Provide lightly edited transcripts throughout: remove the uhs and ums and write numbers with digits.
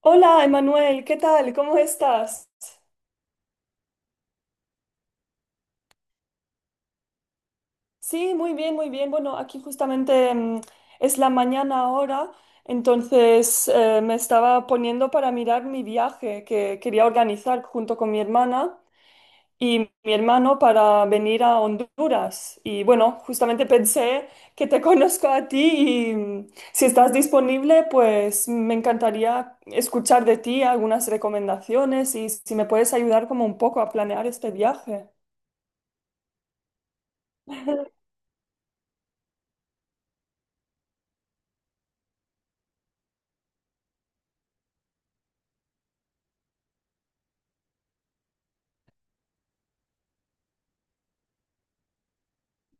Hola, Emanuel, ¿qué tal? ¿Cómo estás? Sí, muy bien, muy bien. Bueno, aquí justamente es la mañana ahora, entonces me estaba poniendo para mirar mi viaje que quería organizar junto con mi hermana y mi hermano para venir a Honduras. Y bueno, justamente pensé que te conozco a ti y si estás disponible, pues me encantaría escuchar de ti algunas recomendaciones y si me puedes ayudar como un poco a planear este viaje.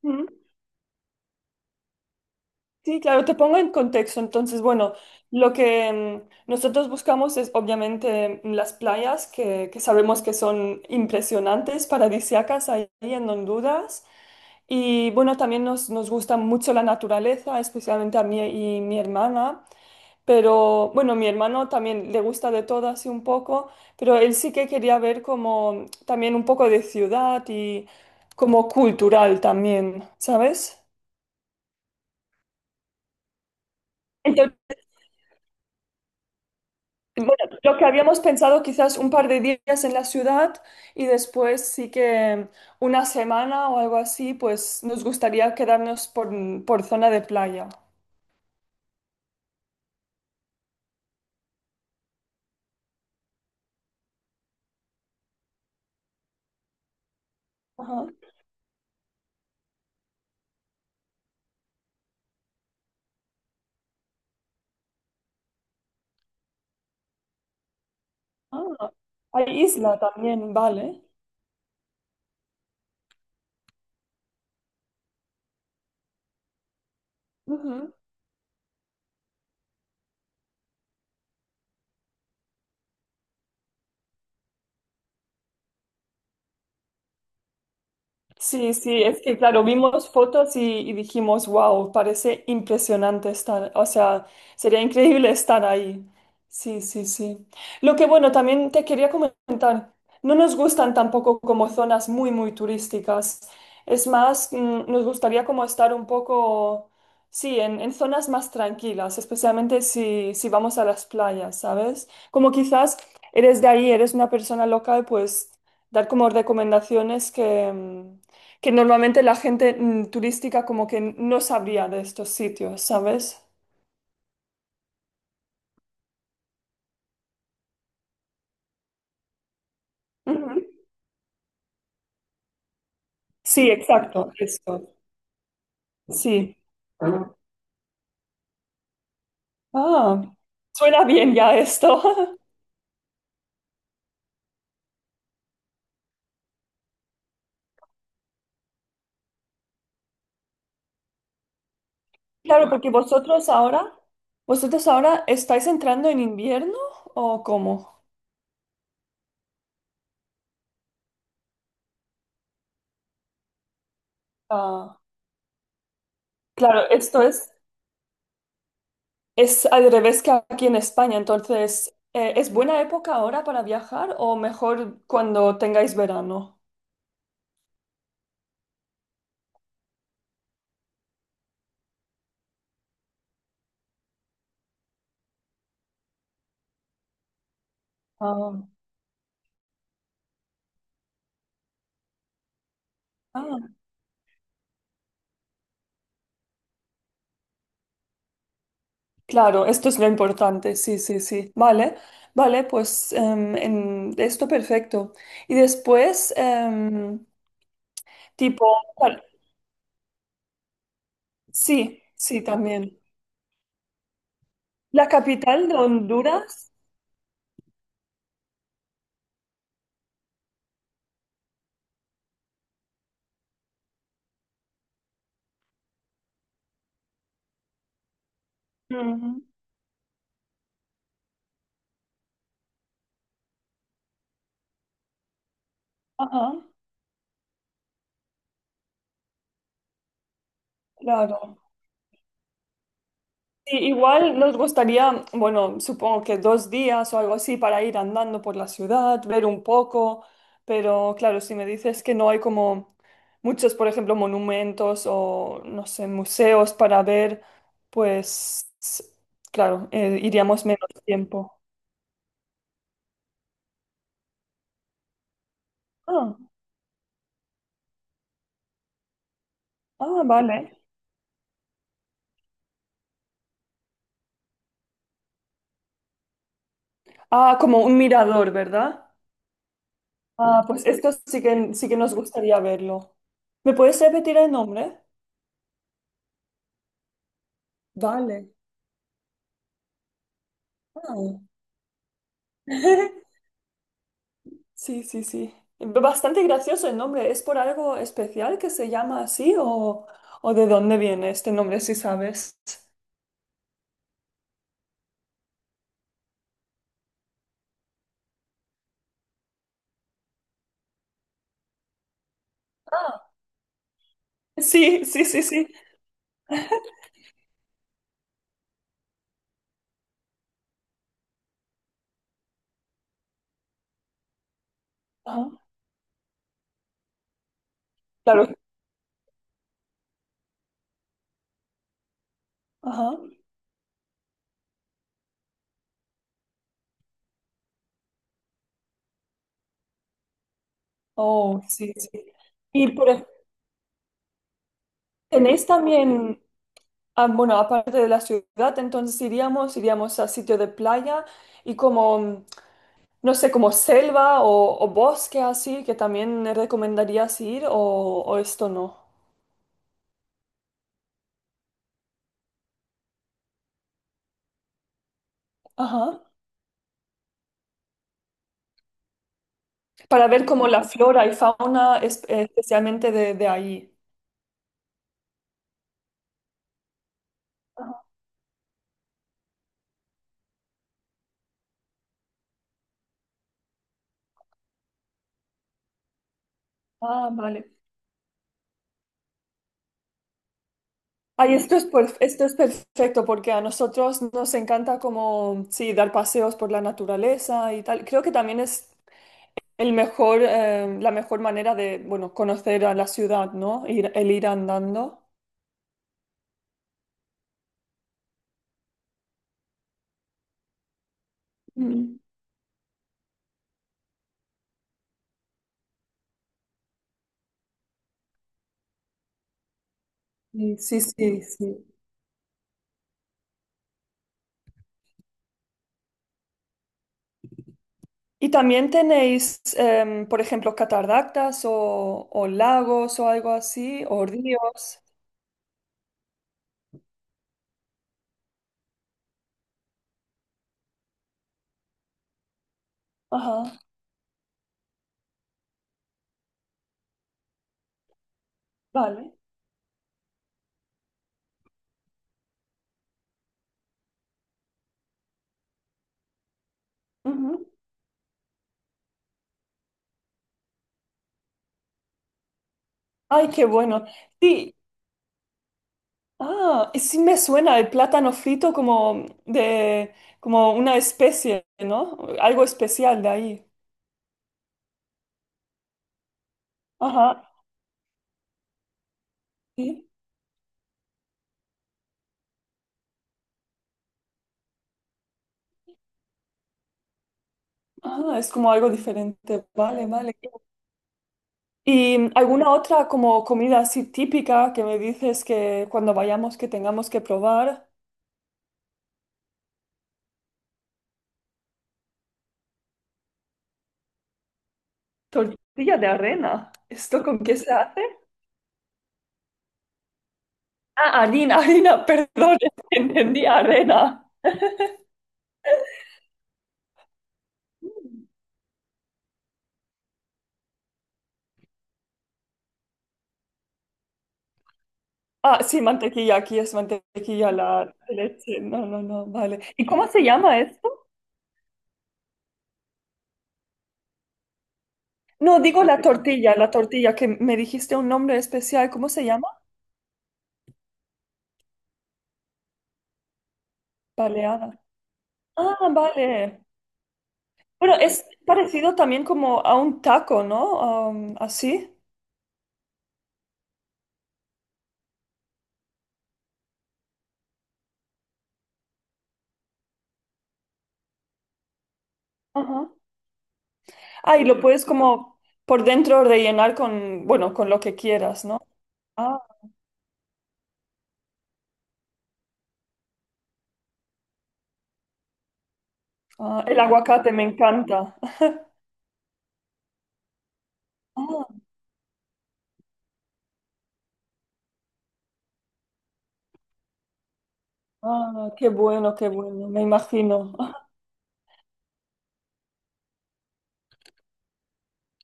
Sí, claro, te pongo en contexto. Entonces, bueno, lo que nosotros buscamos es obviamente las playas que sabemos que son impresionantes, paradisíacas, ahí en Honduras. Y bueno, también nos gusta mucho la naturaleza, especialmente a mí y mi hermana. Pero bueno, mi hermano también le gusta de todo así un poco, pero él sí que quería ver como también un poco de ciudad y como cultural también, ¿sabes? Bueno, lo que habíamos pensado quizás un par de días en la ciudad y después sí que una semana o algo así, pues nos gustaría quedarnos por, zona de playa. Ajá. Ah, hay isla también, vale. Sí, sí, es que claro, vimos fotos y dijimos, wow, parece impresionante estar, o sea, sería increíble estar ahí. Sí, sí, sí. Lo que bueno, también te quería comentar, no nos gustan tampoco como zonas muy, muy turísticas. Es más, nos gustaría como estar un poco, sí, en, zonas más tranquilas, especialmente si vamos a las playas, ¿sabes? Como quizás eres de ahí, eres una persona local, pues dar como recomendaciones que... que normalmente la gente turística como que no sabría de estos sitios, ¿sabes? Ujú. Sí, exacto, esto. Sí. Ah, suena bien ya esto. Claro, porque vosotros ahora estáis entrando en invierno, ¿o cómo? Ah, claro, esto es al revés que aquí en España, entonces, ¿es buena época ahora para viajar o mejor cuando tengáis verano? Ah, ah. Claro, esto es lo importante, sí, sí, sí. Vale, vale, pues en esto perfecto. Y después, tipo, cual- sí, sí, también. La capital de Honduras. Ujú. Ajá, claro. Sí, igual nos gustaría, bueno, supongo que 2 días o algo así para ir andando por la ciudad, ver un poco, pero claro, si me dices que no hay como muchos, por ejemplo, monumentos o, no sé, museos para ver, pues, claro, iríamos menos tiempo. Ah, ah, vale. Ah, como un mirador, ¿verdad? Ah, pues esto sí que nos gustaría verlo. ¿Me puedes repetir el nombre? Vale. Ah. Sí, sí, sí. Bastante gracioso el nombre. ¿Es por algo especial que se llama así o de dónde viene este nombre, si sabes? Ah, sí, sí, sí, sí. Ajá, claro. Ajá. Oh, sí, sí. Y tenéis también, ah, bueno, aparte de la ciudad, entonces iríamos, iríamos a sitio de playa y como, no sé, como selva o bosque así, que también recomendarías ir o esto no. Ajá. Para ver como la flora y fauna especialmente de allí. Ajá. Ah, vale. Ay, esto es, esto es perfecto porque a nosotros nos encanta como, sí, dar paseos por la naturaleza y tal. Creo que también es el mejor, la mejor manera de, bueno, conocer a la ciudad, ¿no? El ir andando. Mm. Sí, sí, sí, sí. ¿Y también tenéis, por ejemplo, cataratas o lagos o algo así, o ríos? Ajá, vale. Ujú. Ay, qué bueno. Sí, ah, y sí me suena el plátano frito como de como una especie, ¿no? Algo especial de ahí. Ajá. Sí. Ah, es como algo diferente. Vale, vale. ¿Y alguna otra como comida así típica que me dices que cuando vayamos que tengamos que probar? Tortilla de arena. ¿Esto con qué se hace? Ah, harina, harina, perdón, entendí arena. Ah, sí, mantequilla, aquí es mantequilla, la leche. No, no, no, vale. ¿Y cómo se llama esto? No, digo la tortilla, que me dijiste un nombre especial. ¿Cómo se llama? Baleada. Ah, vale. Bueno, es parecido también como a un taco, ¿no? Am, así. Ajá. Ah, y lo puedes como por dentro rellenar con, bueno, con lo que quieras, ¿no? Ah, ah, el aguacate me encanta. Ah, ah, qué bueno, me imagino.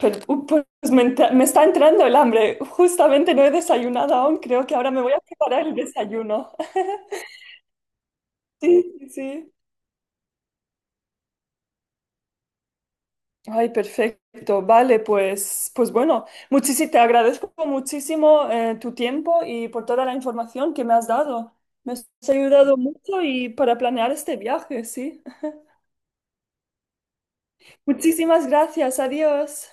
Pero, pues me está entrando el hambre. Justamente no he desayunado aún. Creo que ahora me voy a preparar el desayuno. Sí, sí, sí. Ay, perfecto. Vale, pues, pues bueno, te agradezco muchísimo tu tiempo y por toda la información que me has dado. Me has ayudado mucho y para planear este viaje, sí. Muchísimas gracias. Adiós.